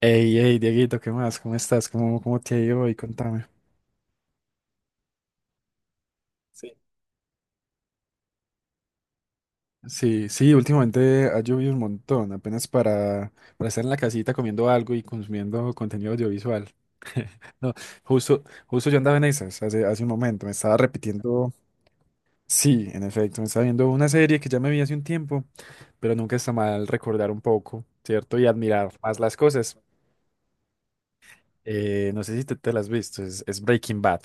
Hey, hey, Dieguito, ¿qué más? ¿Cómo estás? ¿Cómo te ha ido hoy? Contame. Sí. Sí, sí, últimamente ha llovido un montón, apenas para estar en la casita comiendo algo y consumiendo contenido audiovisual. No, justo yo andaba en esas hace un momento, me estaba repitiendo, sí, en efecto, me estaba viendo una serie que ya me vi hace un tiempo, pero nunca está mal recordar un poco, ¿cierto? Y admirar más las cosas. No sé si te las has visto, es Breaking Bad.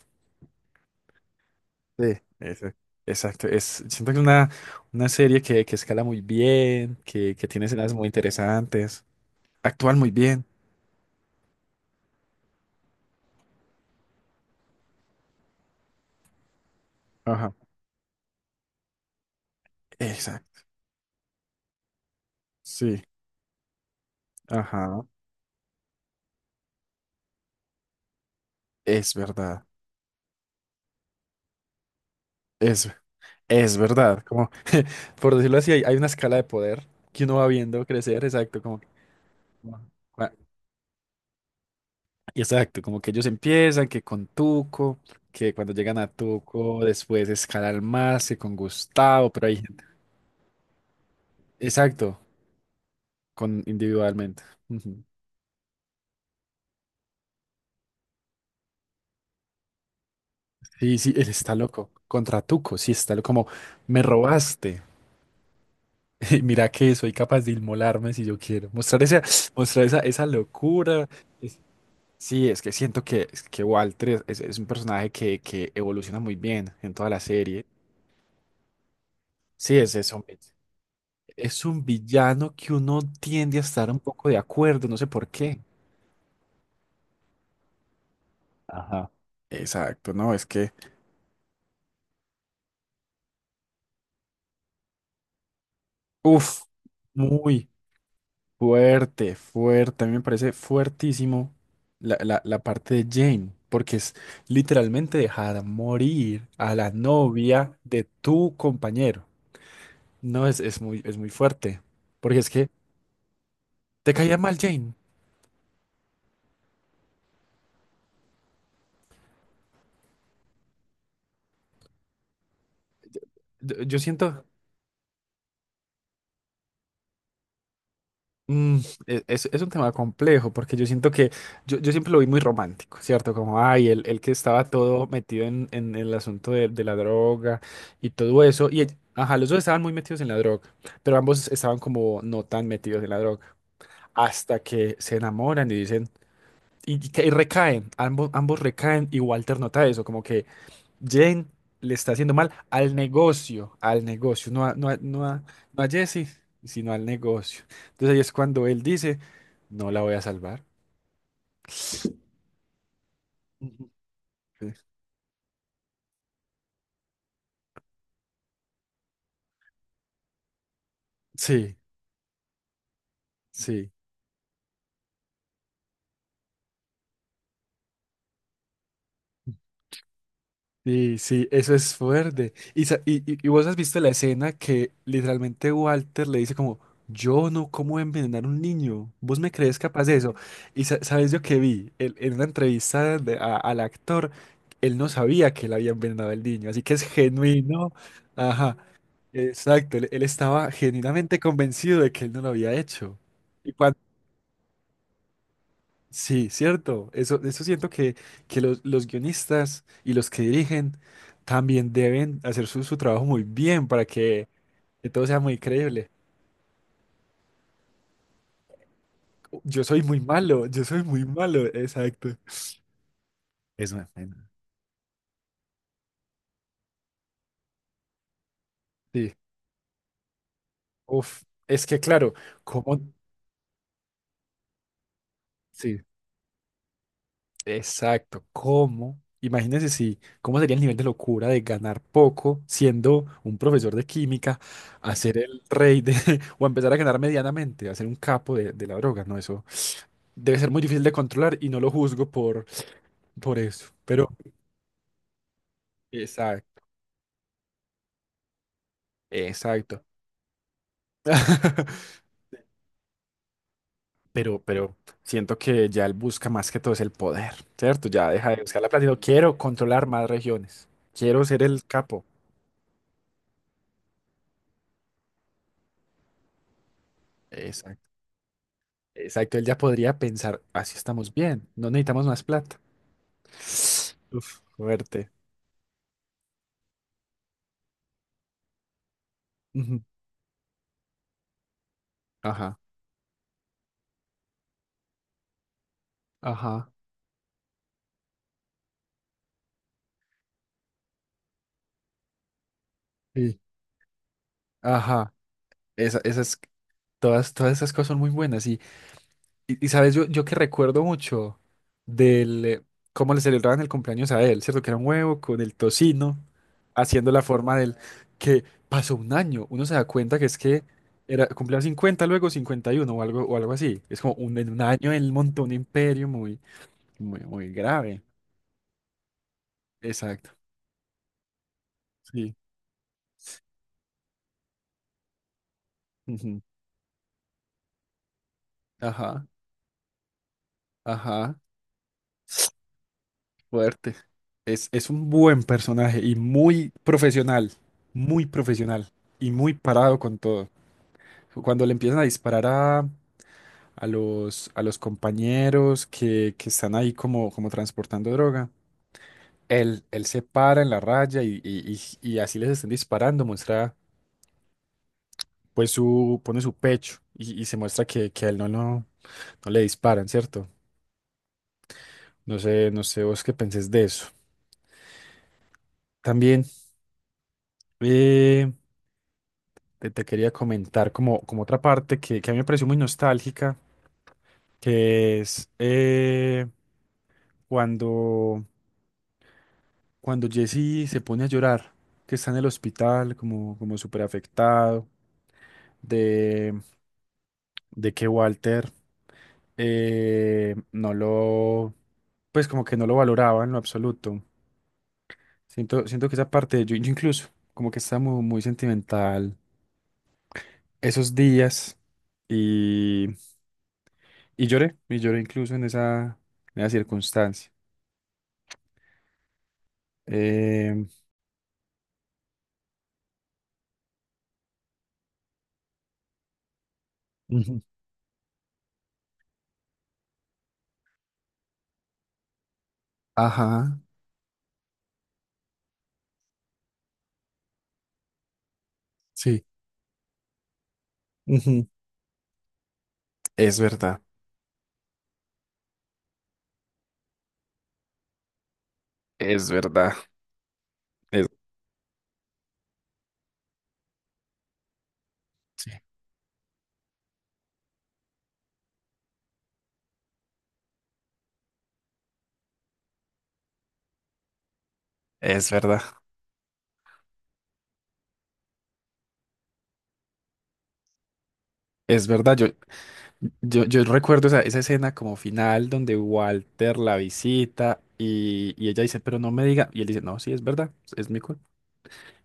Sí, ese exacto. Es, siento que es una serie que escala muy bien, que tiene escenas muy interesantes, actúan muy bien. Ajá, exacto. Sí, ajá, es verdad. Es, es verdad. Como, por decirlo así, hay una escala de poder que uno va viendo crecer, exacto. Como- ah, exacto, como que ellos empiezan, que con Tuco, que cuando llegan a Tuco, después escalan más, que con Gustavo, pero hay gente. Exacto, con individualmente. Ujú. Sí, sí, él está loco. Contra Tuco, sí, está loco. Como, me robaste. Mira que soy capaz de inmolarme si yo quiero. Mostrar esa, mostrar esa locura. Es- Sí, es que siento es que Walter es un personaje que evoluciona muy bien en toda la serie. Sí, es eso. Es un villano que uno tiende a estar un poco de acuerdo, no sé por qué. Ajá. Exacto, no, uff, muy. Fuerte, fuerte. A mí me parece fuertísimo la parte de Jane, porque es literalmente dejar morir a la novia de tu compañero. No, es muy fuerte. Porque es que te caía mal, Jane. Yo siento. Mm, es un tema complejo porque yo siento que yo siempre lo vi muy romántico, ¿cierto? Como, ay, el que estaba todo metido en el asunto de la droga y todo eso. Ajá, los dos estaban muy metidos en la droga, pero ambos estaban como no tan metidos en la droga. Hasta que se enamoran y dicen, y recaen, ambos, ambos recaen y Walter nota eso, como que Jane le está haciendo mal al negocio, no a Jesse, sino al negocio. Entonces ahí es cuando él dice, no la voy a salvar. Ujú. Sí, sí. Sí, sí, eso es fuerte. Y vos has visto la escena que literalmente Walter le dice como, yo no cómo envenenar a un niño, vos me crees capaz de eso. Sabes yo que vi, en una entrevista al actor, él no sabía que él había envenenado al niño, así que es genuino. Ajá, exacto, él estaba genuinamente convencido de que él no lo había hecho. Sí, cierto. Eso siento que los guionistas y los que dirigen también deben hacer su, su trabajo muy bien que todo sea muy creíble. Yo soy muy malo, yo soy muy malo. Exacto. Es una pena. Sí. Uf, es que claro, ¿cómo? Sí, exacto. ¿Cómo? Imagínense si, ¿cómo sería el nivel de locura de ganar poco siendo un profesor de química a ser el rey de, o empezar a ganar medianamente, a ser un capo de la droga? No, eso debe ser muy difícil de controlar y no lo juzgo por eso. Pero, exacto, exacto. Pero siento que ya él busca más que todo es el poder, ¿cierto? Ya deja de buscar la plata. Y digo, quiero controlar más regiones. Quiero ser el capo. Exacto. Exacto. Él ya podría pensar, así estamos bien. No necesitamos más plata. Uf, fuerte. Ujú. Ajá. Ajá. Sí. Ajá. Esas, todas esas cosas son muy buenas. Yo que recuerdo mucho del cómo le celebraban el cumpleaños a él, ¿cierto? Que era un huevo con el tocino, haciendo la forma del que pasó un año. Uno se da cuenta que es que era cumplía 50 luego 51 o algo así. Es como un, en un año él montó un imperio muy, muy, muy grave. Exacto. Sí. Ujú, ajá, ajá. Fuerte. Es un buen personaje y muy profesional y muy parado con todo. Cuando le empiezan a disparar a los compañeros que están ahí como, como transportando droga, él se para en la raya y así les están disparando, muestra, pues su, pone su pecho y se muestra que a él no le disparan, ¿cierto? No sé, no sé vos qué pensés de eso. También eh, te quería comentar como, como otra parte que a mí me pareció muy nostálgica, que es cuando cuando Jesse se pone a llorar, que está en el hospital como, como súper afectado, de, de que Walter no lo, pues como que no lo valoraba en lo absoluto. Siento, siento que esa parte, yo incluso como que estaba muy, muy sentimental esos días y, y lloré incluso en en esa circunstancia. Em, Ujú. Ajá, sí. Ujú. Es verdad, es verdad, es, sí, es verdad. Es verdad, yo recuerdo esa escena como final donde Walter la visita y ella dice, pero no me diga. Y él dice, no, sí, es verdad, es mi culpa.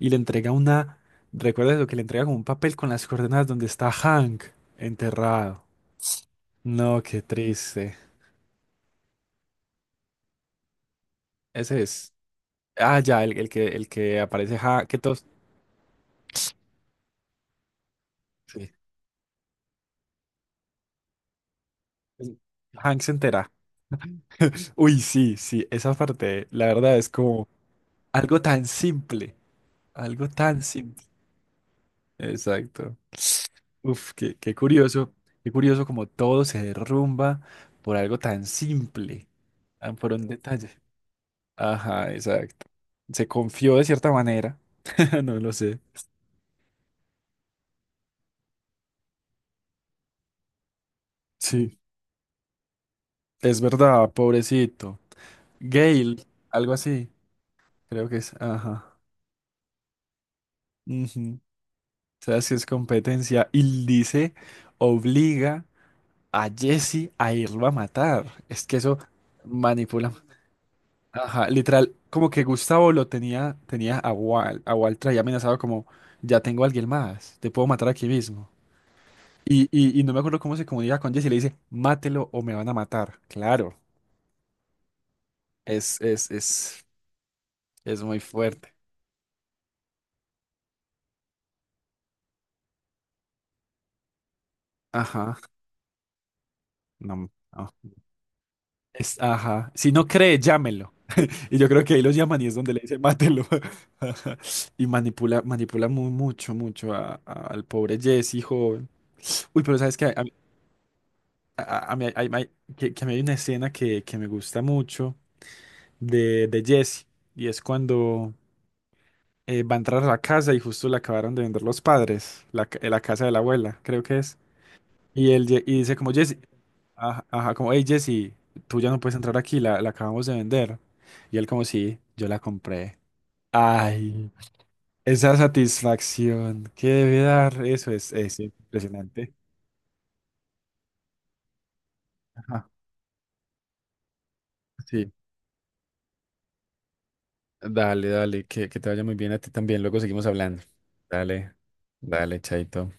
Y le entrega una, ¿recuerdas lo que le entrega como un papel con las coordenadas donde está Hank enterrado? No, qué triste. Ese es. Ah, ya, el que aparece Hank, que todos. Sí. Hank se entera. Uy, sí, sí, esa parte, la verdad es como algo tan simple, algo tan simple. Exacto. Uf, qué curioso como todo se derrumba por algo tan simple, ah, por un detalle. Ajá, exacto. Se confió de cierta manera, no lo sé. Sí, es verdad, pobrecito. Gale, algo así, creo que es. Ajá. Ujú. ¿Sabes qué es competencia? Y dice, obliga a Jesse a irlo a matar. Es que eso manipula. Ajá, literal, como que Gustavo lo tenía, tenía a Wal traía amenazado como, ya tengo a alguien más, te puedo matar aquí mismo. Y no me acuerdo cómo se comunica con Jesse y le dice, mátelo o me van a matar. Claro, es, es, es, es muy fuerte. Ajá, no, no. Es, ajá, si no cree, llámelo. Y yo creo que ahí los llaman y es donde le dice, mátelo. Ajá. Y manipula, manipula muy, mucho, mucho al pobre Jesse, joven. Uy, pero ¿sabes qué? A mí hay- hay- hay- que a mí hay una escena que me gusta mucho de Jesse, y es cuando va a entrar a la casa y justo le acabaron de vender los padres, la casa de la abuela, creo que es. Y dice como Jesse, ajá, ajá, como, hey Jesse, tú ya no puedes entrar aquí, la acabamos de vender. Y él como, sí, yo la compré. Ay, esa satisfacción que debe dar, eso es impresionante. Ajá, sí. Dale, dale, que te vaya muy bien a ti también. Luego seguimos hablando. Dale, dale, chaito.